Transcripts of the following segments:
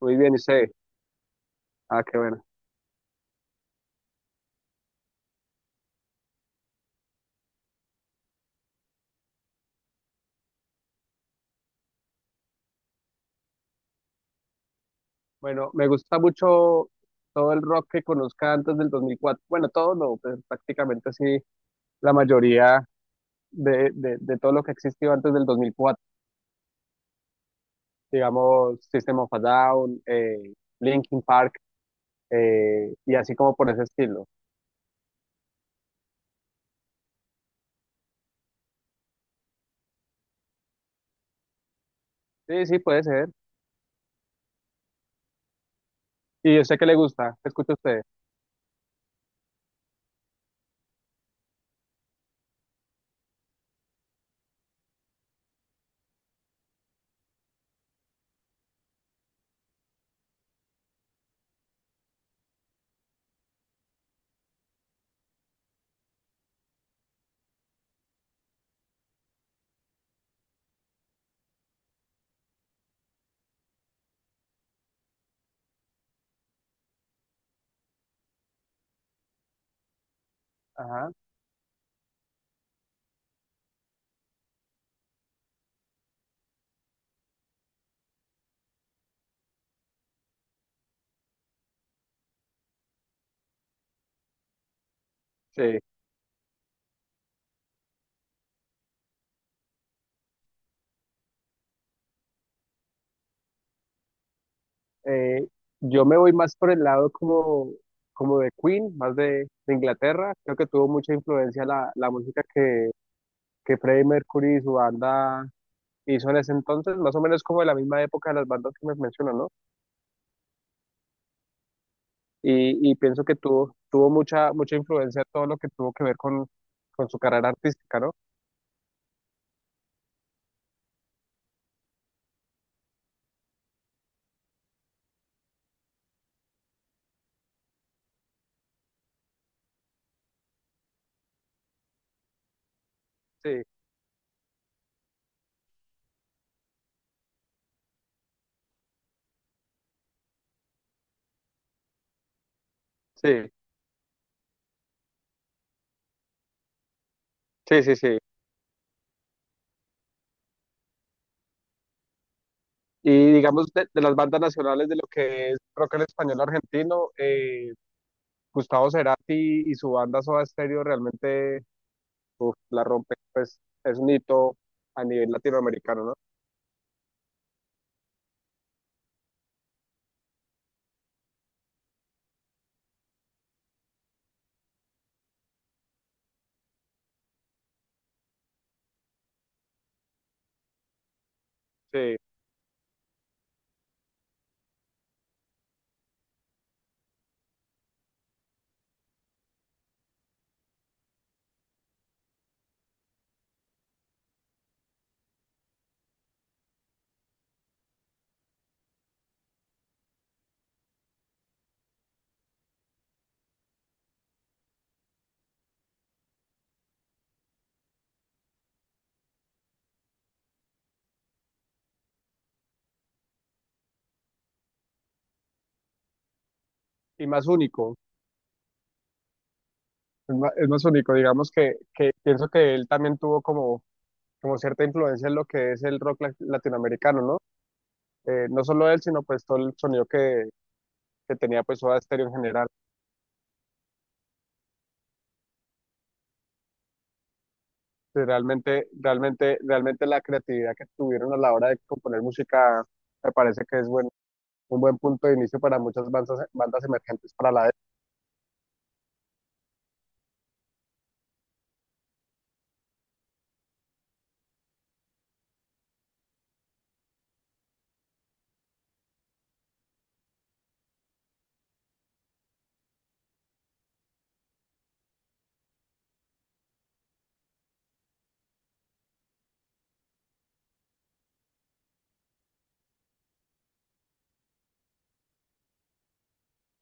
Muy bien, y sé. Ah, qué bueno. Bueno, me gusta mucho todo el rock que conozca antes del 2004. Bueno, todo no, pero prácticamente sí, la mayoría de todo lo que existió antes del dos mil cuatro. Digamos, System of a Down, Linkin Park, y así como por ese estilo. Sí, sí, puede ser. Y yo sé que le gusta, ¿qué escucha usted? Ajá, sí. Eh, yo me voy más por el lado como, como de Queen, más de Inglaterra. Creo que tuvo mucha influencia la música que Freddie Mercury y su banda hizo en ese entonces, más o menos como de la misma época de las bandas que me mencionan, ¿no? Y pienso que tuvo, tuvo mucha, influencia todo lo que tuvo que ver con su carrera artística, ¿no? Sí, sí, sí, sí, sí. Y digamos, de las bandas nacionales de lo que es rock en español argentino, Gustavo Cerati y su banda Soda Stereo realmente, uf, la rompe, pues es un hito a nivel latinoamericano, ¿no? Sí, y más único. Es más único, digamos que pienso que él también tuvo como, como cierta influencia en lo que es el rock latinoamericano, ¿no? No solo él, sino pues todo el sonido que tenía pues Soda Stereo en general. Que realmente, realmente, realmente la creatividad que tuvieron a la hora de componer música me parece que es bueno, un buen punto de inicio para muchas bandas, bandas emergentes para la época.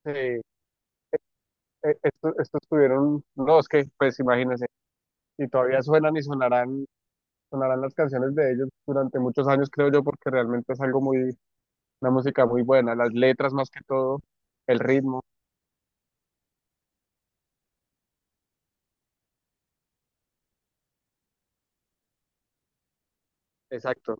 Eh, estos, tuvieron, no, es que pues imagínense, y todavía suenan y sonarán las canciones de ellos durante muchos años, creo yo, porque realmente es algo muy, una música muy buena, las letras más que todo, el ritmo, exacto.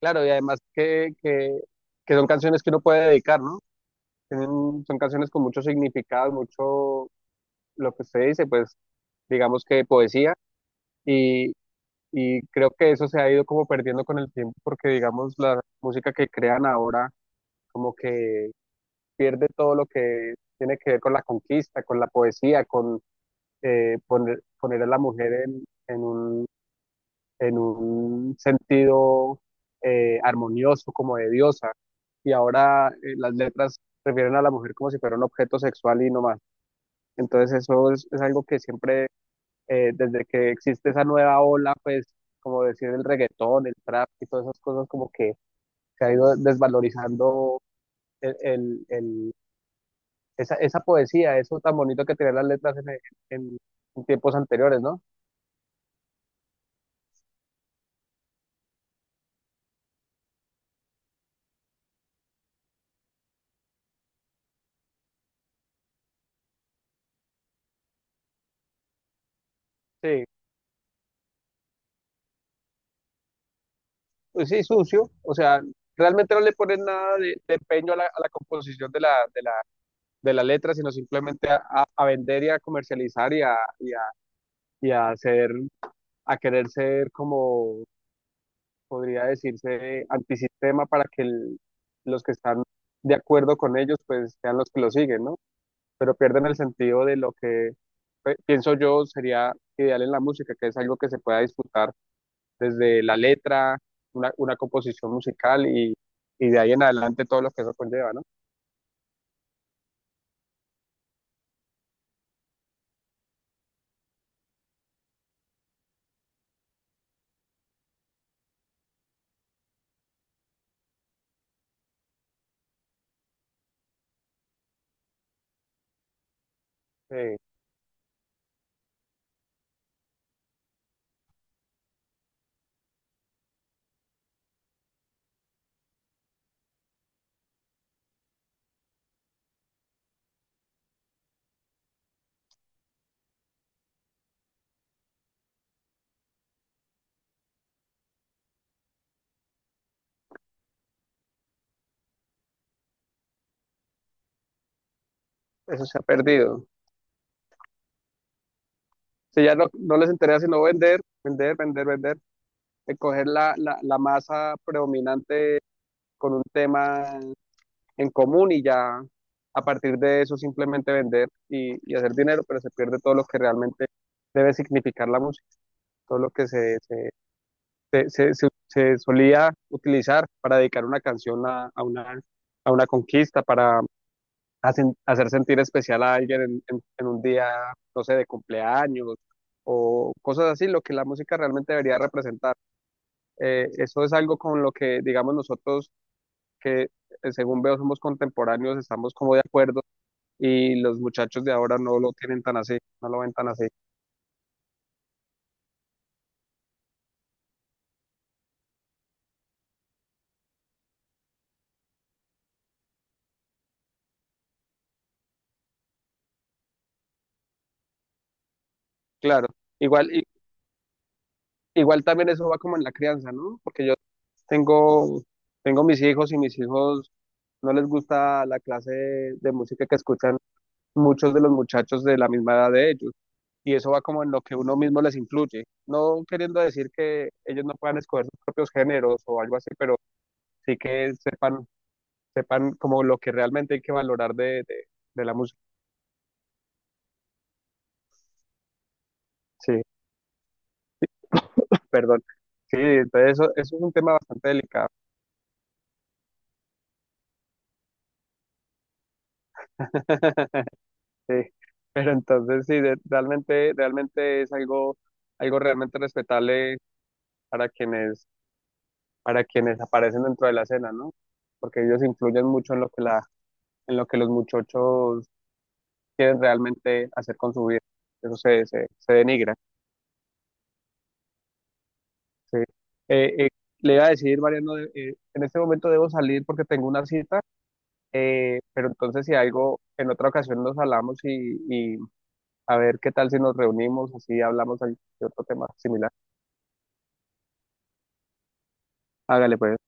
Claro, y además que son canciones que uno puede dedicar, ¿no? Tienen, son canciones con mucho significado, mucho, lo que usted dice, pues, digamos que poesía, y, y creo que eso se ha ido como perdiendo con el tiempo, porque digamos, la música que crean ahora, como que pierde todo lo que tiene que ver con la conquista, con la poesía, con poner, poner a la mujer en un sentido, armonioso, como de diosa. Y ahora, las letras refieren a la mujer como si fuera un objeto sexual y no más. Entonces eso es algo que siempre, desde que existe esa nueva ola, pues como decir el reggaetón, el trap y todas esas cosas, como que se ha ido desvalorizando el, el- el- esa, esa poesía, eso tan bonito que tenían las letras en- en tiempos anteriores, ¿no? Sí, pues sí, sucio, o sea, realmente no le ponen nada de empeño a a la composición de de, la, letra, sino simplemente a vender y a comercializar y a hacer, a querer ser como podría decirse antisistema para que los que están de acuerdo con ellos pues sean los que lo siguen, ¿no? Pero pierden el sentido de lo que, pienso yo, sería ideal en la música, que es algo que se pueda disfrutar desde la letra, una composición musical y de ahí en adelante todo lo que eso conlleva, ¿no? Eh, eso se ha perdido. Si ya no, no les interesa sino vender, vender, vender, vender, coger la masa predominante con un tema en común y ya a partir de eso simplemente vender y hacer dinero, pero se pierde todo lo que realmente debe significar la música, todo lo que se solía utilizar para dedicar una canción a una conquista, para hacer sentir especial a alguien en un día, no sé, de cumpleaños o cosas así, lo que la música realmente debería representar. Eso es algo con lo que, digamos, nosotros que, según veo, somos contemporáneos, estamos como de acuerdo y los muchachos de ahora no lo tienen tan así, no lo ven tan así. Claro, igual, igual también eso va como en la crianza, ¿no? Porque yo tengo, tengo mis hijos y mis hijos no les gusta la clase de música que escuchan muchos de los muchachos de la misma edad de ellos. Y eso va como en lo que uno mismo les influye. No queriendo decir que ellos no puedan escoger sus propios géneros o algo así, pero sí que sepan, sepan como lo que realmente hay que valorar de la música. Sí, perdón. Sí, entonces eso es un tema bastante delicado. Sí, pero entonces sí, realmente, realmente es algo, algo realmente respetable para quienes, para quienes aparecen dentro de la escena, ¿no? Porque ellos influyen mucho en lo que en lo que los muchachos quieren realmente hacer con su vida. Eso se denigra. Sí. Eh, eh, le iba a decir, Mariano, en este momento debo salir porque tengo una cita, pero entonces si algo, en otra ocasión nos hablamos y a ver qué tal si nos reunimos, así hablamos de otro tema similar. Hágale pues.